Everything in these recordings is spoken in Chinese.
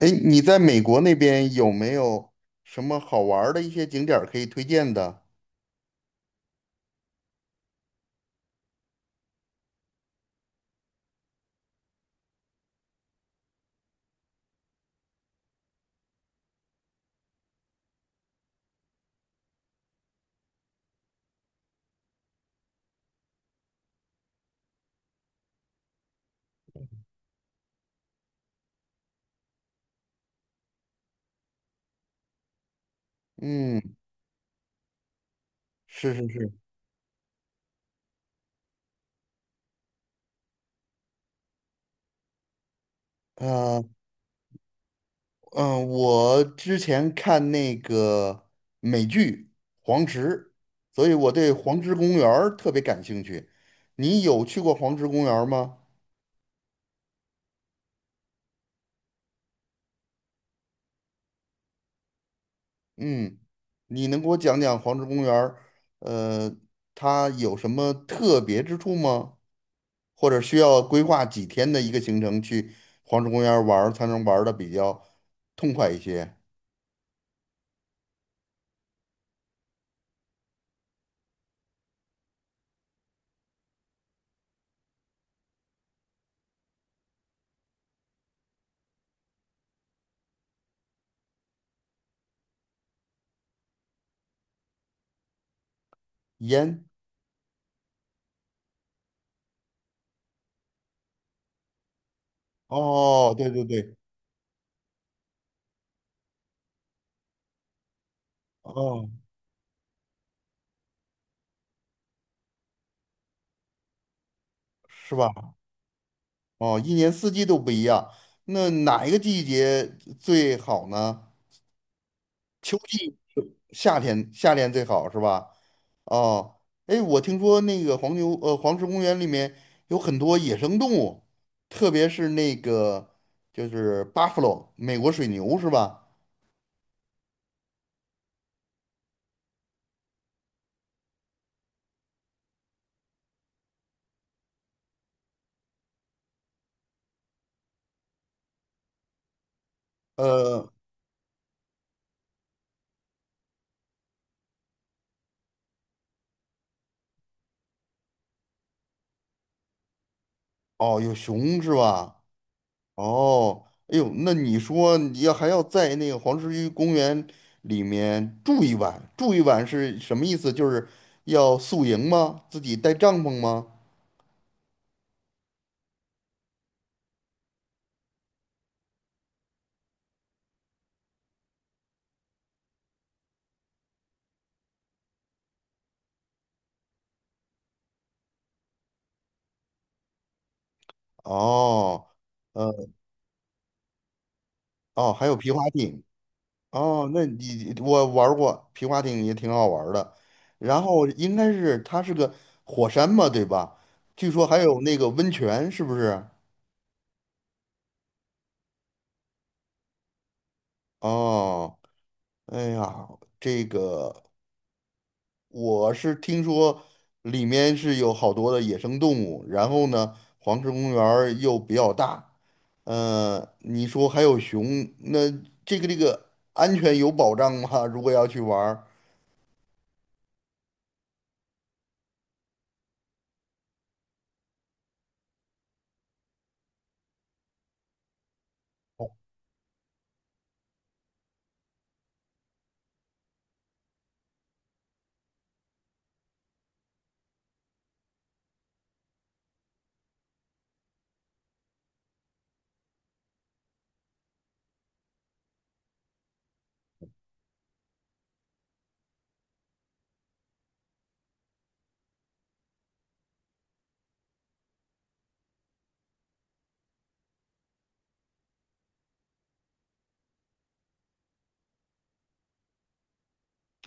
哎，你在美国那边有没有什么好玩儿的一些景点儿可以推荐的？嗯，是是是，呃，嗯、我之前看那个美剧《黄石》，所以我对黄石公园儿特别感兴趣。你有去过黄石公园儿吗？嗯，你能给我讲讲黄石公园儿，呃，它有什么特别之处吗？或者需要规划几天的一个行程去黄石公园儿玩儿才能玩的比较痛快一些。烟，哦，对对对，哦，是吧？哦，一年四季都不一样，那哪一个季节最好呢？秋季，夏天，夏天最好是吧？哦，哎，我听说那个黄石公园里面有很多野生动物，特别是那个就是 buffalo 美国水牛是吧？呃。哦，有熊是吧？哦，哎呦，那你说你还要在那个黄石区公园里面住一晚，住一晚是什么意思？就是要宿营吗？自己带帐篷吗？哦，呃，哦，还有皮划艇。哦，那我玩儿过皮划艇也挺好玩儿的。然后应该是它是个火山嘛，对吧？据说还有那个温泉，是不是？哦，哎呀，这个。我是听说里面是有好多的野生动物，然后呢，黄石公园儿又比较大，呃，你说还有熊，那这个安全有保障吗？如果要去玩儿，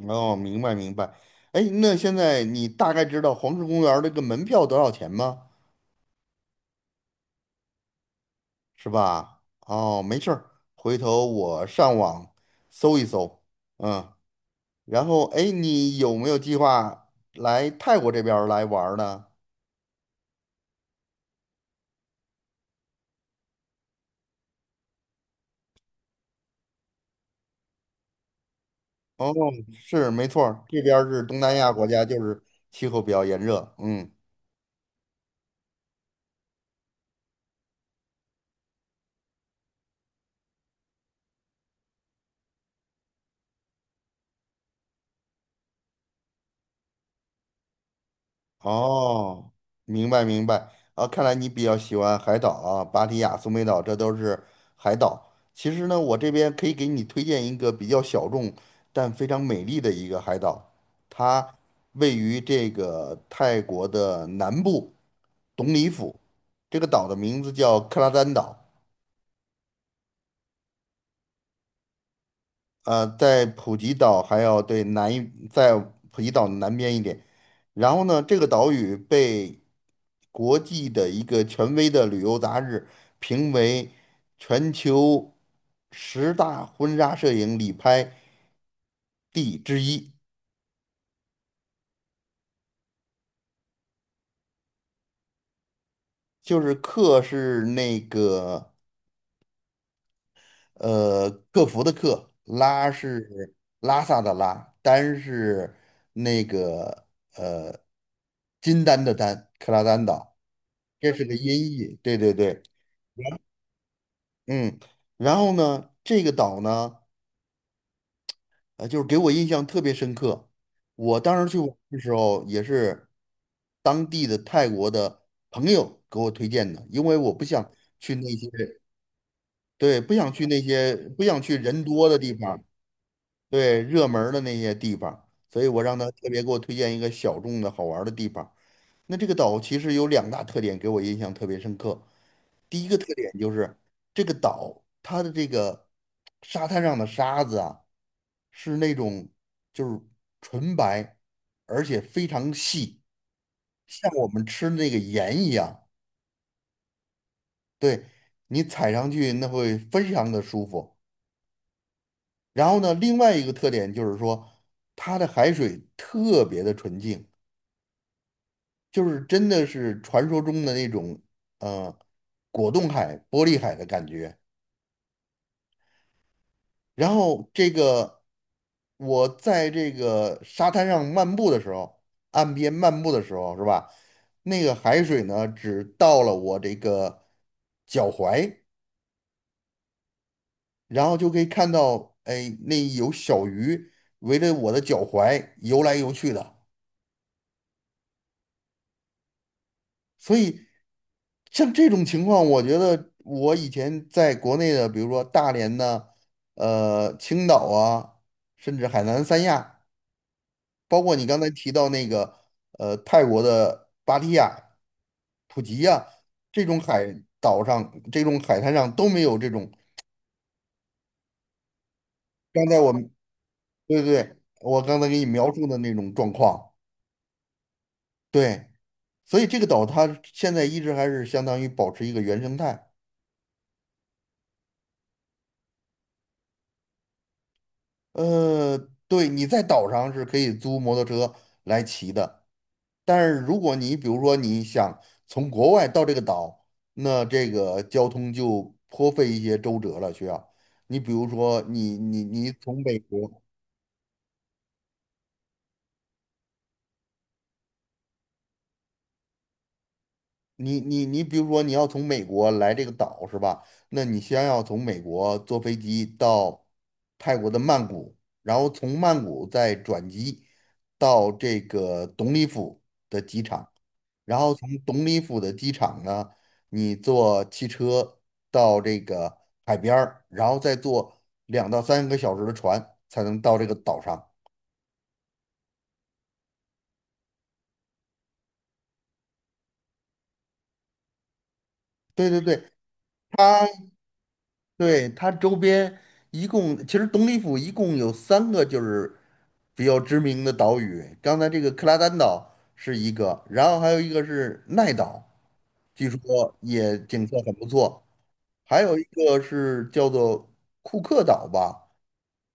哦，明白明白。哎，那现在你大概知道黄石公园儿这个门票多少钱吗？是吧？哦，没事儿，回头我上网搜一搜，嗯，然后哎，你有没有计划来泰国这边儿来玩儿呢？哦，是没错儿这边儿是东南亚国家，就是气候比较炎热。嗯，哦，明白明白。啊，看来你比较喜欢海岛啊，芭提雅、苏梅岛，这都是海岛。其实呢，我这边可以给你推荐一个比较小众但非常美丽的一个海岛，它位于这个泰国的南部董里府。这个岛的名字叫克拉丹岛。呃，在普吉岛还要对南一，在普吉岛南边一点。然后呢，这个岛屿被国际的一个权威的旅游杂志评为全球十大婚纱摄影旅拍地之一，就是克是那个克服的克，拉嗯是拉萨的拉，丹是那个呃金丹的丹，克拉丹岛，这是个音译。对对对，嗯。然后呢，这个岛呢，就是给我印象特别深刻。我当时去玩的时候，也是当地的泰国的朋友给我推荐的，因为我不想去那些，对，不想去那些，不想去人多的地方。对，热门儿的那些地方，所以我让他特别给我推荐一个小众的好玩儿的地方。那这个岛其实有两大特点给我印象特别深刻。第一个特点就是这个岛它的这个沙滩上的沙子啊，是那种就是纯白，而且非常细，像我们吃那个盐一样。对，你踩上去那会非常的舒服。然后呢，另外一个特点就是说，它的海水特别的纯净，就是真的是传说中的那种呃果冻海、玻璃海的感觉。然后这个我在这个沙滩上漫步的时候，岸边漫步的时候，是吧？那个海水呢，只到了我这个脚踝，然后就可以看到，哎，那有小鱼围着我的脚踝游来游去的。所以像这种情况，我觉得我以前在国内的，比如说大连呢，青岛啊，甚至海南三亚，包括你刚才提到那个泰国的芭提雅、普吉呀、这种海岛上、这种海滩上都没有这种。刚才我们对对对，我刚才给你描述的那种状况，对，所以这个岛它现在一直还是相当于保持一个原生态。呃，对，你在岛上是可以租摩托车来骑的，但是如果你比如说你想从国外到这个岛，那这个交通就颇费一些周折了，需要。你比如说你从美国。你你你，比如说你要从美国来这个岛是吧？那你先要从美国坐飞机到泰国的曼谷，然后从曼谷再转机到这个董里府的机场，然后从董里府的机场呢，你坐汽车到这个海边儿，然后再坐两到三个小时的船才能到这个岛上。对对对，它。对，它周边一共，其实东里府一共有三个就是比较知名的岛屿。刚才这个克拉丹岛是一个，然后还有一个是奈岛，据说也景色很不错。还有一个是叫做库克岛吧。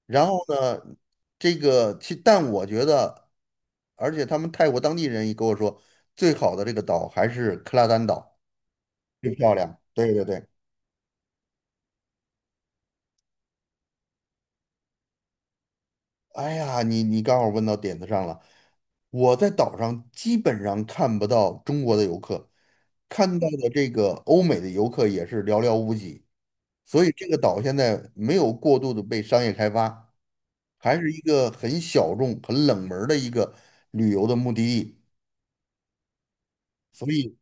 然后呢，这个其但我觉得，而且他们泰国当地人也跟我说，最好的这个岛还是克拉丹岛，最漂亮。对对对。哎呀，你你刚好问到点子上了。我在岛上基本上看不到中国的游客，看到的这个欧美的游客也是寥寥无几，所以这个岛现在没有过度的被商业开发，还是一个很小众、很冷门儿的一个旅游的目的地。所以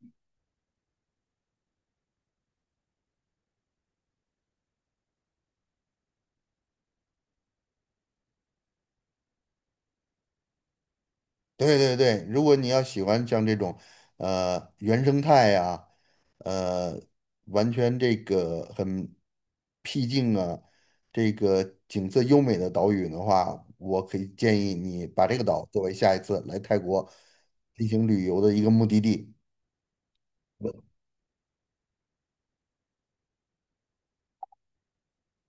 对对对，如果你要喜欢像这种，原生态呀，呃，完全这个很僻静啊，这个景色优美的岛屿的话，我可以建议你把这个岛作为下一次来泰国进行旅游的一个目的地。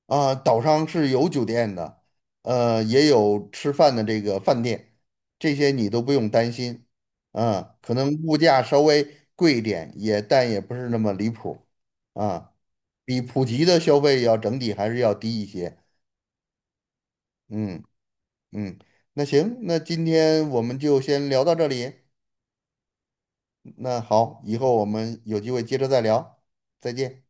啊，岛上是有酒店的，也有吃饭的这个饭店，这些你都不用担心。啊，可能物价稍微贵一点，也但也不是那么离谱。啊，比普及的消费要整体还是要低一些。嗯嗯，那行，那今天我们就先聊到这里。那好，以后我们有机会接着再聊，再见。